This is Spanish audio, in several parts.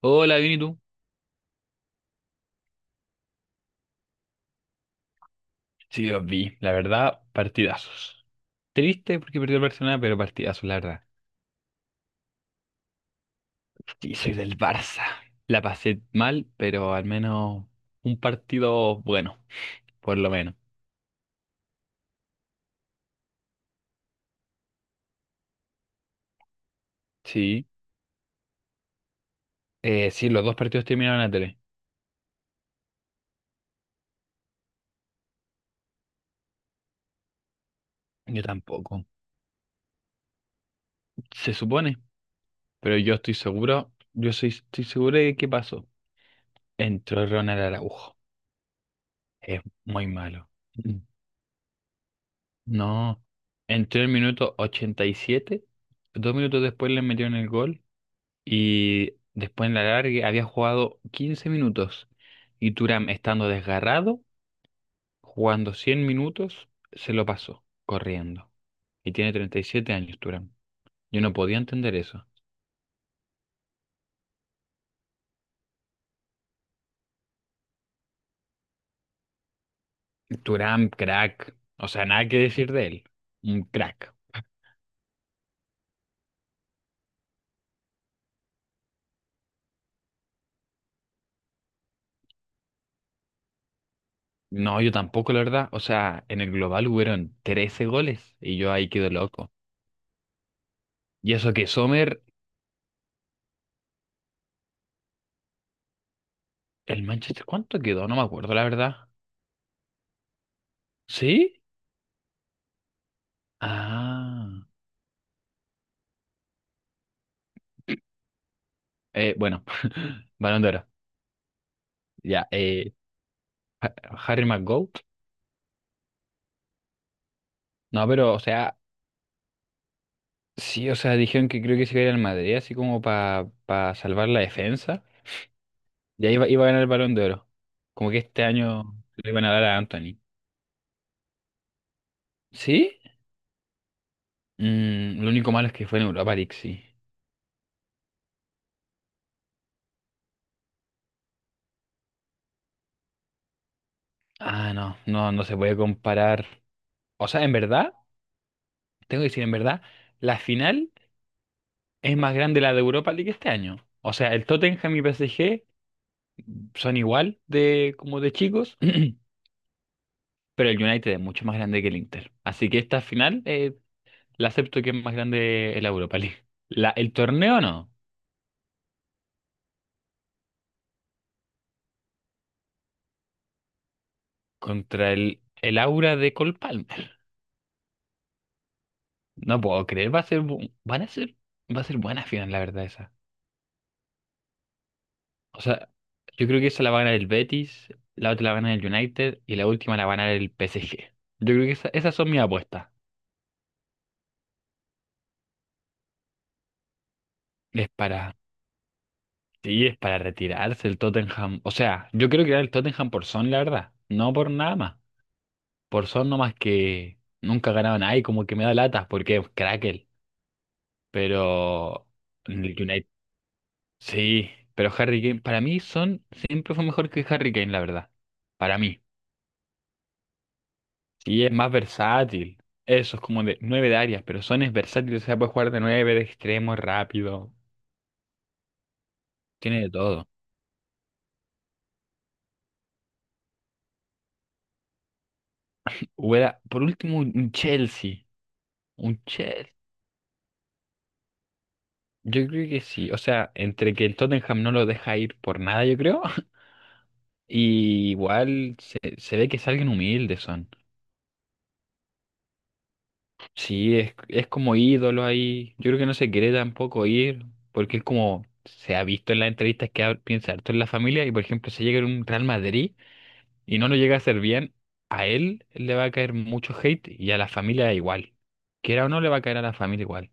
Hola, bien, ¿y tú? Sí, los vi, la verdad, partidazos. Triste porque perdió el Barcelona, pero partidazos, la verdad. Sí, soy del Barça. La pasé mal, pero al menos un partido bueno, por lo menos. Sí, sí, los dos partidos terminaron a tres. Yo tampoco, se supone, pero yo estoy seguro, estoy seguro de qué pasó. Entró Ronald Araujo, es muy malo. Mm. No, entró en el minuto 87, 2 minutos después le metieron el gol. Y después en la larga había jugado 15 minutos. Y Turam, estando desgarrado, jugando 100 minutos, se lo pasó, corriendo. Y tiene 37 años, Turam. Yo no podía entender eso. Turam, crack. O sea, nada que decir de él. Un crack. No, yo tampoco, la verdad. O sea, en el global hubieron 13 goles y yo ahí quedo loco. Y eso que Sommer, el Manchester, ¿cuánto quedó? No me acuerdo, la verdad. ¿Sí? Ah. Bueno, Balón de Oro. Ya, Ha- Harry McGoat. No, pero, o sea, sí, o sea, dijeron que creo que se iba a ir al Madrid, así como para salvar la defensa. Y ahí iba a ganar el Balón de Oro. Como que este año le iban a dar a Anthony. ¿Sí? Lo único malo es que fue en Europa League, sí. Ah, no, no, no se puede comparar. O sea, en verdad, tengo que decir, en verdad, la final es más grande la de Europa League este año. O sea, el Tottenham y PSG son igual de como de chicos. Pero el United es mucho más grande que el Inter. Así que esta final, la acepto que es más grande el Europa League. El torneo no. Contra el Aura de Cole Palmer. No puedo creer. Va a ser, bu- van a ser, va a ser buena final, la verdad, esa. O sea, yo creo que esa la va a ganar el Betis, la otra la va a ganar el United y la última la va a ganar el PSG. Yo creo que esas son mis apuestas. Es para, sí, es para retirarse el Tottenham. O sea, yo creo que era el Tottenham por Son, la verdad. No por nada más. Por son nomás que nunca ganaban ahí, como que me da latas porque es Crackle, pero en el United, sí, pero Harry Kane para mí son siempre fue mejor que Harry Kane, la verdad. Para mí. Y es más versátil. Eso es como de nueve de áreas, pero son es versátil, o sea, puede jugar de nueve, de extremo, rápido, tiene de todo. Hubiera, por último, un Chelsea, un Chelsea. Yo creo que sí, o sea, entre que el Tottenham no lo deja ir por nada, yo creo. Y igual se ve que es alguien humilde, son. Sí, es como ídolo ahí. Yo creo que no se quiere tampoco ir, porque es como se ha visto en las entrevistas que piensa harto en la familia. Y por ejemplo, si llega en un Real Madrid y no lo llega a hacer bien, a él le va a caer mucho hate y a la familia igual. Quiera o no, le va a caer a la familia igual.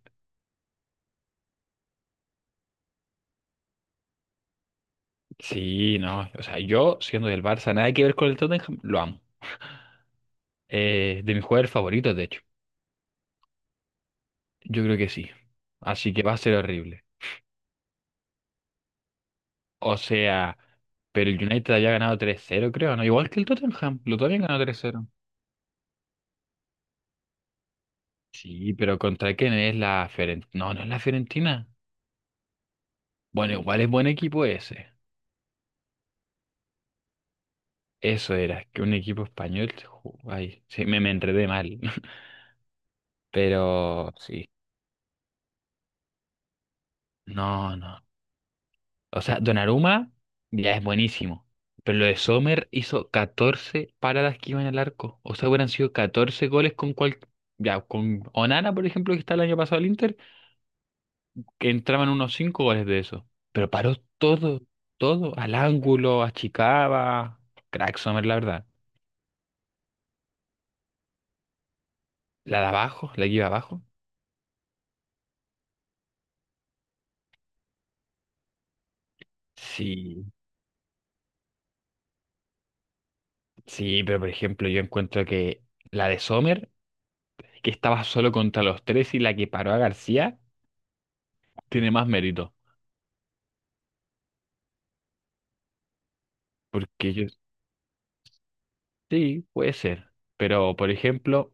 Sí, no. O sea, yo siendo del Barça, nada que ver con el Tottenham, lo amo. De mis jugadores favoritos, de hecho. Yo creo que sí. Así que va a ser horrible. O sea, pero el United había ganado 3-0 creo, ¿no? Igual que el Tottenham, lo también ganó 3-0. Sí, pero ¿contra quién es la Fiorentina? No, no es la Fiorentina. Bueno, igual es buen equipo ese. Eso era, que un equipo español. Se Ay, sí, me enredé mal. Pero sí, no, no. O sea, Donnarumma ya es buenísimo. Pero lo de Sommer hizo 14 paradas que iban al arco. O sea, hubieran sido 14 goles con cual. Ya, con Onana, por ejemplo, que está el año pasado al Inter. Que entraban unos 5 goles de eso. Pero paró todo, todo, al ángulo, achicaba. Crack Sommer, la verdad. La de abajo, la que iba abajo. Sí, sí, pero por ejemplo, yo encuentro que la de Sommer, que estaba solo contra los tres y la que paró a García, tiene más mérito. Porque yo, sí, puede ser. Pero por ejemplo,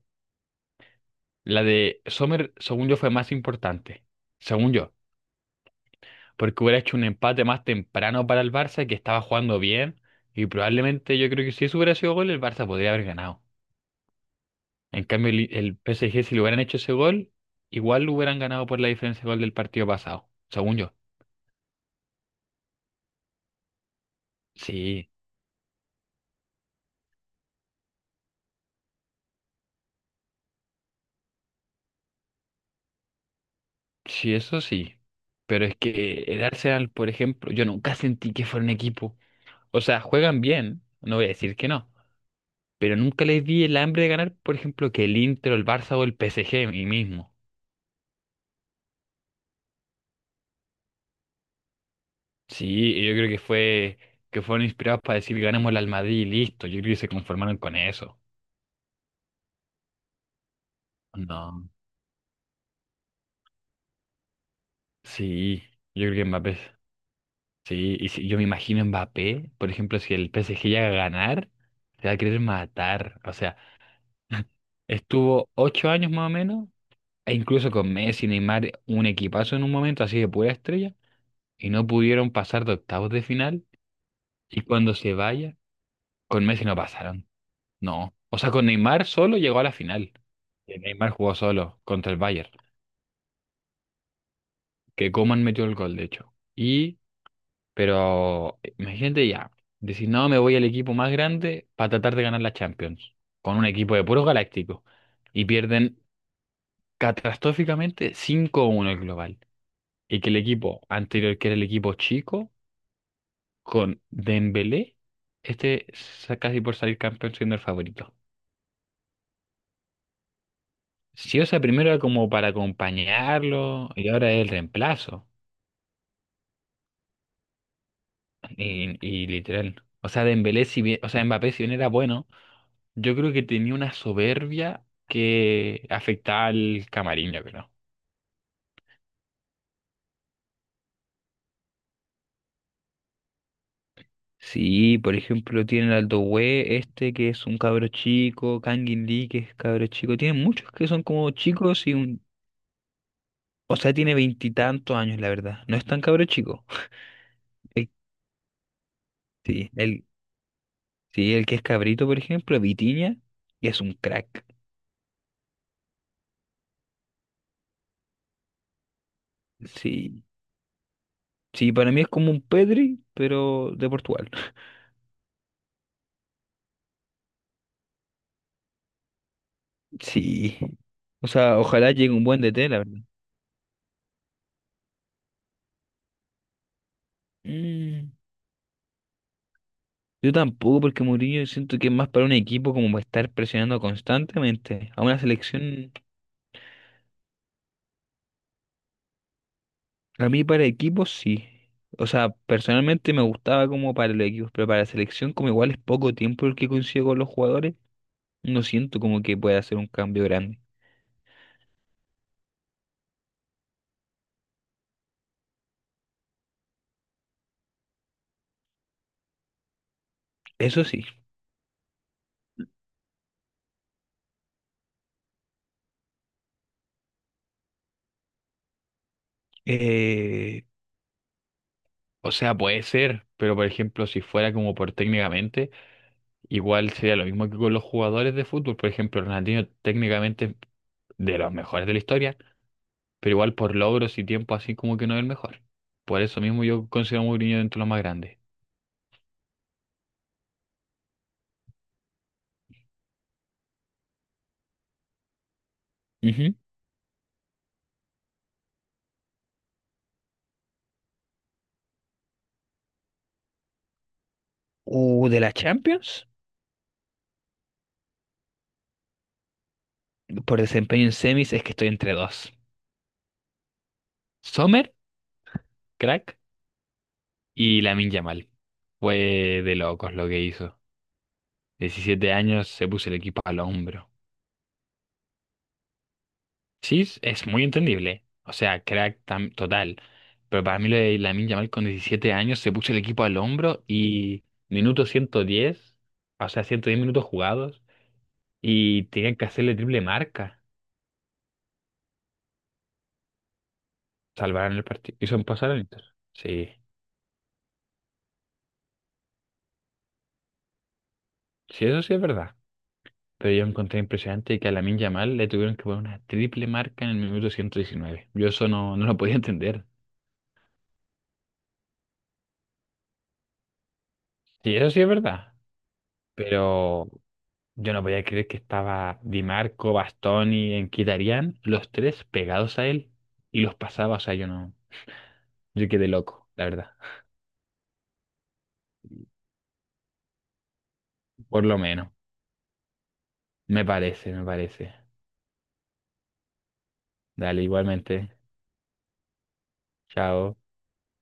la de Sommer, según yo, fue más importante. Según yo. Porque hubiera hecho un empate más temprano para el Barça, que estaba jugando bien, y probablemente yo creo que si eso hubiera sido gol, el Barça podría haber ganado. En cambio, el PSG, si le hubieran hecho ese gol, igual lo hubieran ganado por la diferencia de gol del partido pasado, según yo. Sí, sí, eso sí. Pero es que el Arsenal, por ejemplo, yo nunca sentí que fuera un equipo. O sea, juegan bien, no voy a decir que no, pero nunca les vi el hambre de ganar, por ejemplo, que el Inter o el Barça o el PSG mí mismo. Sí, y yo creo que fue que fueron inspirados para decir ganemos el al Madrid y listo. Yo creo que se conformaron con eso. No. Sí, yo creo que Mbappé. Sí, y si yo me imagino Mbappé, por ejemplo, si el PSG llega a ganar, se va a querer matar. O sea, estuvo 8 años más o menos, e incluso con Messi, Neymar, un equipazo en un momento así de pura estrella, y no pudieron pasar de octavos de final. Y cuando se vaya, con Messi no pasaron. No. O sea, con Neymar solo llegó a la final. Que Neymar jugó solo contra el Bayern, que Coman metió el gol, de hecho. Pero, imagínate ya, decir, no, me voy al equipo más grande para tratar de ganar la Champions, con un equipo de puros galácticos, y pierden catastróficamente 5-1 el global. Y que el equipo anterior, que era el equipo chico, con Dembélé, este casi por salir campeón siendo el favorito. Si o sea, primero era como para acompañarlo, y ahora es el reemplazo. Y literal. O sea, Dembélé, si bien, o sea, Mbappé, si bien era bueno, yo creo que tenía una soberbia que afectaba al camarín, yo creo. Sí, por ejemplo, tienen al Doué, este que es un cabro chico, Kangin Lee que es cabro chico. Tienen muchos que son como chicos y un. O sea, tiene veintitantos años, la verdad. No es tan cabro chico. El- sí, el, sí, el que es cabrito, por ejemplo, Vitinha, que es un crack. Sí, sí, para mí es como un Pedri, pero de Portugal. Sí. O sea, ojalá llegue un buen DT, la verdad. Mm, Yo tampoco, porque Mourinho siento que es más para un equipo como para estar presionando constantemente. A una selección, a mí para equipos sí. O sea, personalmente me gustaba como para los equipos, pero para la selección como igual es poco tiempo el que consigo con los jugadores, no siento como que pueda hacer un cambio grande. Eso sí. Eh, o sea, puede ser, pero por ejemplo, si fuera como por técnicamente. Igual sería lo mismo que con los jugadores de fútbol. Por ejemplo, Ronaldinho técnicamente es de los mejores de la historia, pero igual por logros y tiempo así como que no es el mejor. Por eso mismo yo considero a Mourinho dentro de los más grandes. Ujú. De la Champions, por desempeño en semis es que estoy entre dos. Sommer, crack, y Lamine Yamal. Fue de locos lo que hizo. Diecisiete años se puso el equipo al hombro. Sí, es muy entendible. O sea, crack total. Pero para mí lo de Lamine Yamal con 17 años se puso el equipo al hombro y minuto 110, o sea, 110 minutos jugados y tenían que hacerle triple marca. Salvaron el partido. Hizo pasar al Inter. Sí, sí, eso sí es verdad. Pero yo encontré impresionante que a Lamine Yamal le tuvieron que poner una triple marca en el minuto 119. Yo eso no, no lo podía entender. Sí, eso sí es verdad. Pero yo no podía creer que estaba Di Marco, Bastoni, Enquitarián, los tres pegados a él y los pasaba, o sea, yo no, yo quedé loco, la verdad, por lo menos, me parece, me parece. Dale, igualmente, chao.